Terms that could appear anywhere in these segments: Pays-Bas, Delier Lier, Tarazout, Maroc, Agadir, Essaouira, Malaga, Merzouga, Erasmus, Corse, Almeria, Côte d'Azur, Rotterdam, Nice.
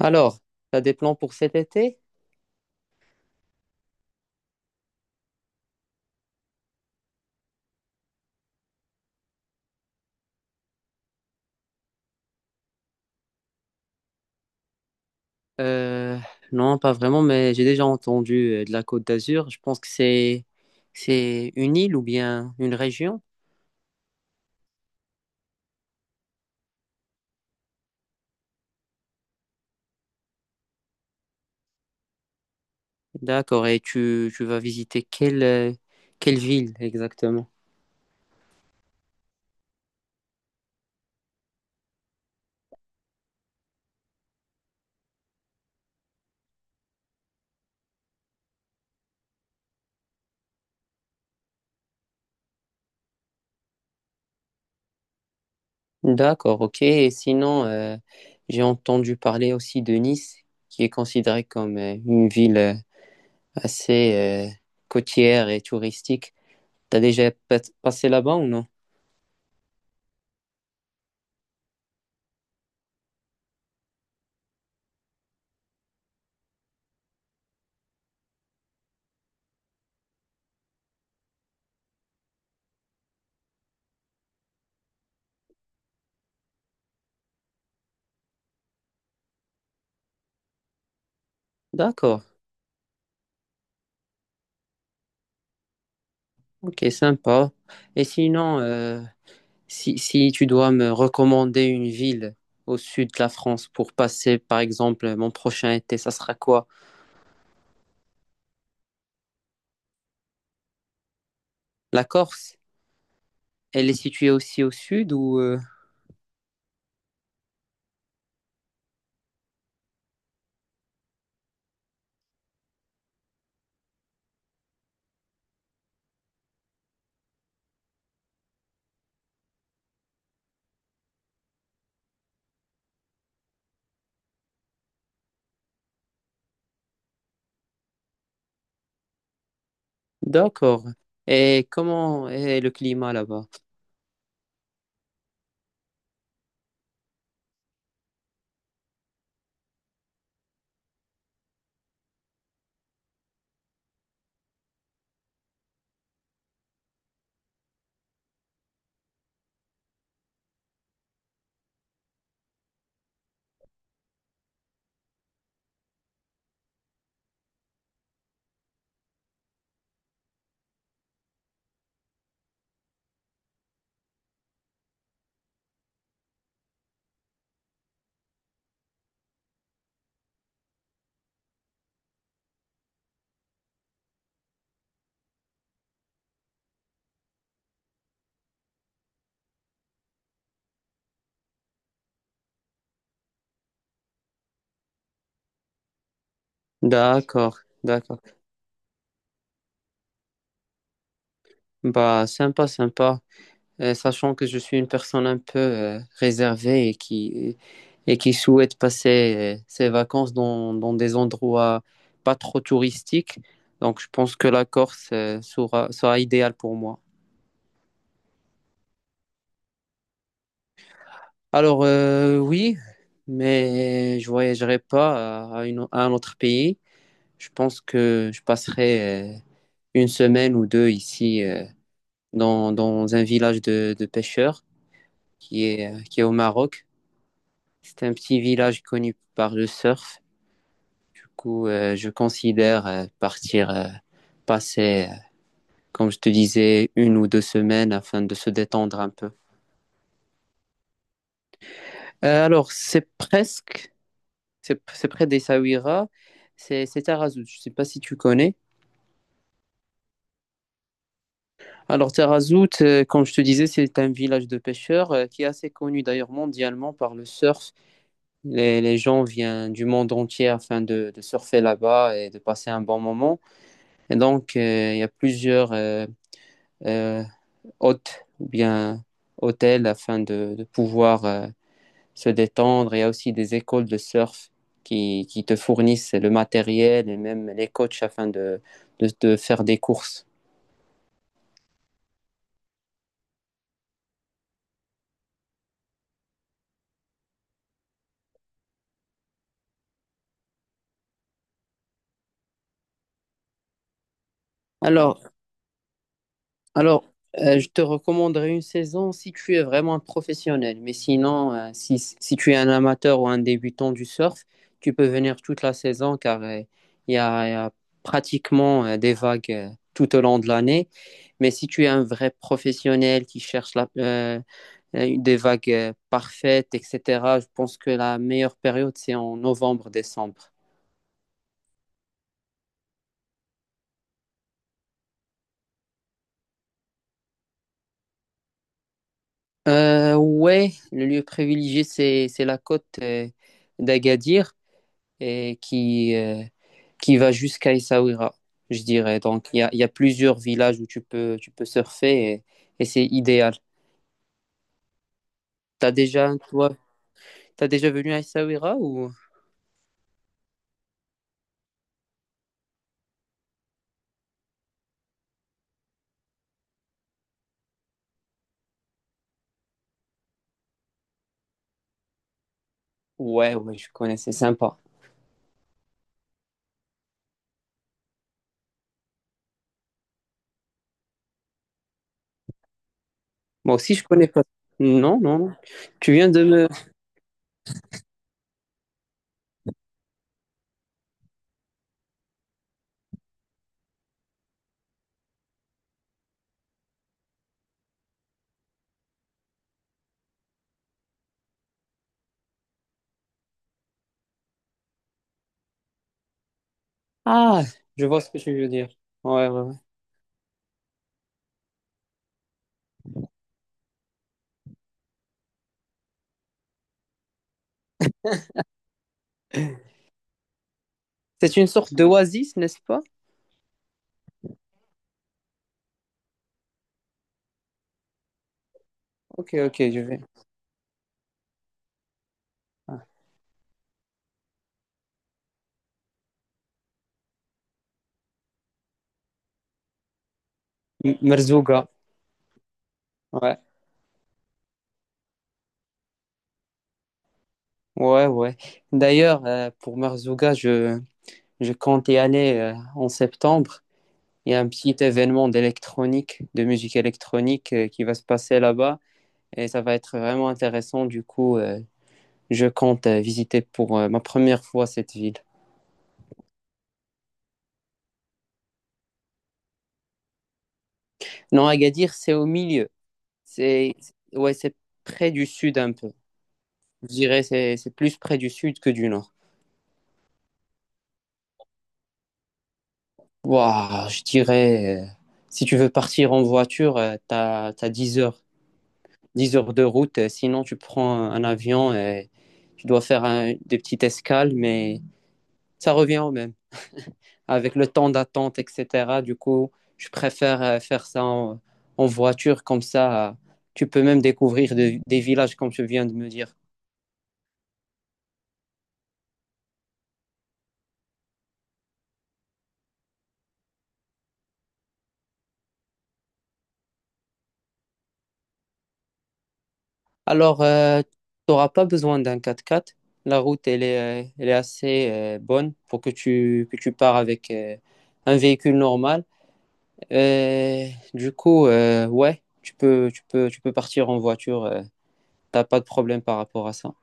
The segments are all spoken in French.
Alors, t'as des plans pour cet été? Euh, non, pas vraiment, mais j'ai déjà entendu de la Côte d'Azur. Je pense que c'est une île ou bien une région. D'accord. Et tu vas visiter quelle quelle ville exactement? D'accord, ok. Et sinon, j'ai entendu parler aussi de Nice, qui est considérée comme une ville assez côtière et touristique. Passé là-bas ou non? D'accord. Ok, sympa. Et sinon, si tu dois me recommander une ville au sud de la France pour passer, par exemple, mon prochain été, ça sera quoi? La Corse? Elle est située aussi au sud ou... D'accord. Et comment est le climat là-bas? D'accord, d'accord. Bah, sympa, sympa. Sachant que je suis une personne un peu réservée et qui souhaite passer ses vacances dans des endroits pas trop touristiques. Donc, je pense que la Corse sera idéale pour moi. Alors, oui, mais je voyagerai pas à un autre pays. Je pense que je passerai une semaine ou deux ici dans un village de pêcheurs qui est au Maroc. C'est un petit village connu par le surf. Du coup, je considère partir passer, comme je te disais, une ou deux semaines afin de se détendre un peu. Alors, c'est près d'Essaouira, c'est Tarazout. Je ne sais pas si tu connais. Alors, Tarazout, comme je te disais, c'est un village de pêcheurs qui est assez connu d'ailleurs mondialement par le surf. Les gens viennent du monde entier afin de surfer là-bas et de passer un bon moment. Et donc, il y a plusieurs euh, hôtes ou bien hôtels afin de pouvoir se détendre. Il y a aussi des écoles de surf qui te fournissent le matériel et même les coachs afin de faire des courses. Alors, Alors, je te recommanderais une saison si tu es vraiment un professionnel. Mais sinon, si tu es un amateur ou un débutant du surf, tu peux venir toute la saison car il y a pratiquement des vagues tout au long de l'année. Mais si tu es un vrai professionnel qui cherche des vagues parfaites, etc., je pense que la meilleure période, c'est en novembre-décembre. Ouais, le lieu privilégié, c'est la côte d'Agadir. Et qui va jusqu'à Essaouira, je dirais. Donc, il y a plusieurs villages où tu peux surfer et c'est idéal. T'as déjà, toi, t'as déjà venu à Essaouira ou? Ouais, ouais, je connais, c'est sympa. Moi aussi, je connais pas. Non, non, non. Tu viens de me... Ah, je vois ce que tu veux dire. Ouais, ouais, ouais. C'est une sorte d'oasis, n'est-ce pas? Ok, ok, je vais. Ah. M- Merzouga. Ouais, ouais, ouais. D'ailleurs, pour je compte y aller en septembre. Il y a un petit événement d'électronique, de musique électronique qui va se passer là-bas et ça va être vraiment intéressant. Du coup, je compte visiter pour ma première fois cette ville. Non, Agadir, c'est au milieu. C'est ouais, c'est près du sud un peu. Je dirais c'est plus près du sud que du nord. Waouh, je dirais si tu veux partir en voiture, t'as 10 heures. Dix heures de route. Sinon, tu prends un avion et tu dois faire un- des petites escales, mais ça revient au même. Avec le temps d'attente, etc. Du coup, je préfère faire ça en voiture, comme ça, tu peux même des villages, comme tu viens de me dire. Alors, tu n'auras pas besoin d'un 4x4. La route, elle est assez bonne pour que tu pars avec un véhicule normal. Et du coup, ouais, tu peux partir en voiture. T'as pas de problème par rapport à ça.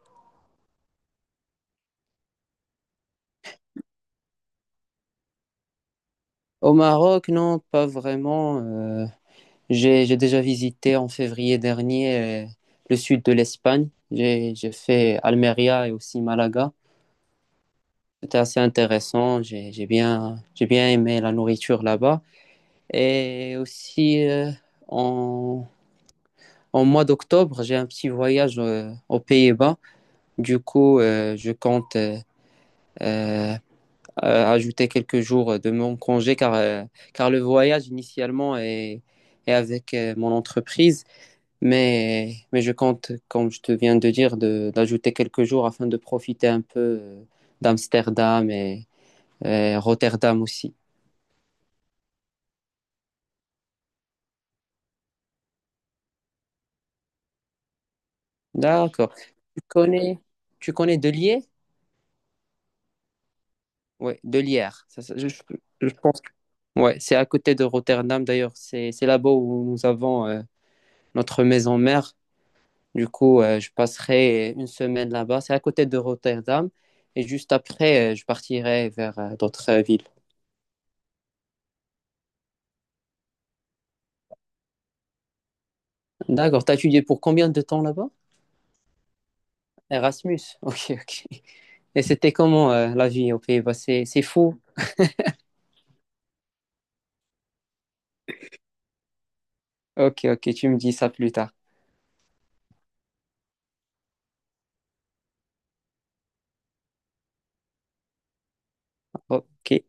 Au Maroc, non, pas vraiment. J'ai déjà visité en février dernier le sud de l'Espagne. J'ai fait Almeria et aussi Malaga. C'était assez intéressant. J'ai bien aimé la nourriture là-bas. Et aussi, en, en mois d'octobre, j'ai un petit voyage aux Pays-Bas. Du coup, je compte euh, ajouter quelques jours de mon congé car, car le voyage initialement est avec mon entreprise, mais je compte, comme je te viens de dire, de, d'ajouter quelques jours afin de profiter un peu d'Amsterdam et Rotterdam aussi. D'accord. Tu connais Delier Lier? Oui, De Ça, ça, je, je- je pense. Ouais, c'est à côté de Rotterdam d'ailleurs. C'est là-bas où nous avons notre maison mère. Du coup, je passerai une semaine là-bas. C'est à côté de Rotterdam. Et juste après, je partirai vers d'autres villes. D'accord. T'as étudié pour combien de temps là-bas? Erasmus. Ok, ok. Et c'était comment la vie aux Pays-Bas? C'est fou. Ok, ok. Tu me dis ça plus tard. Ok.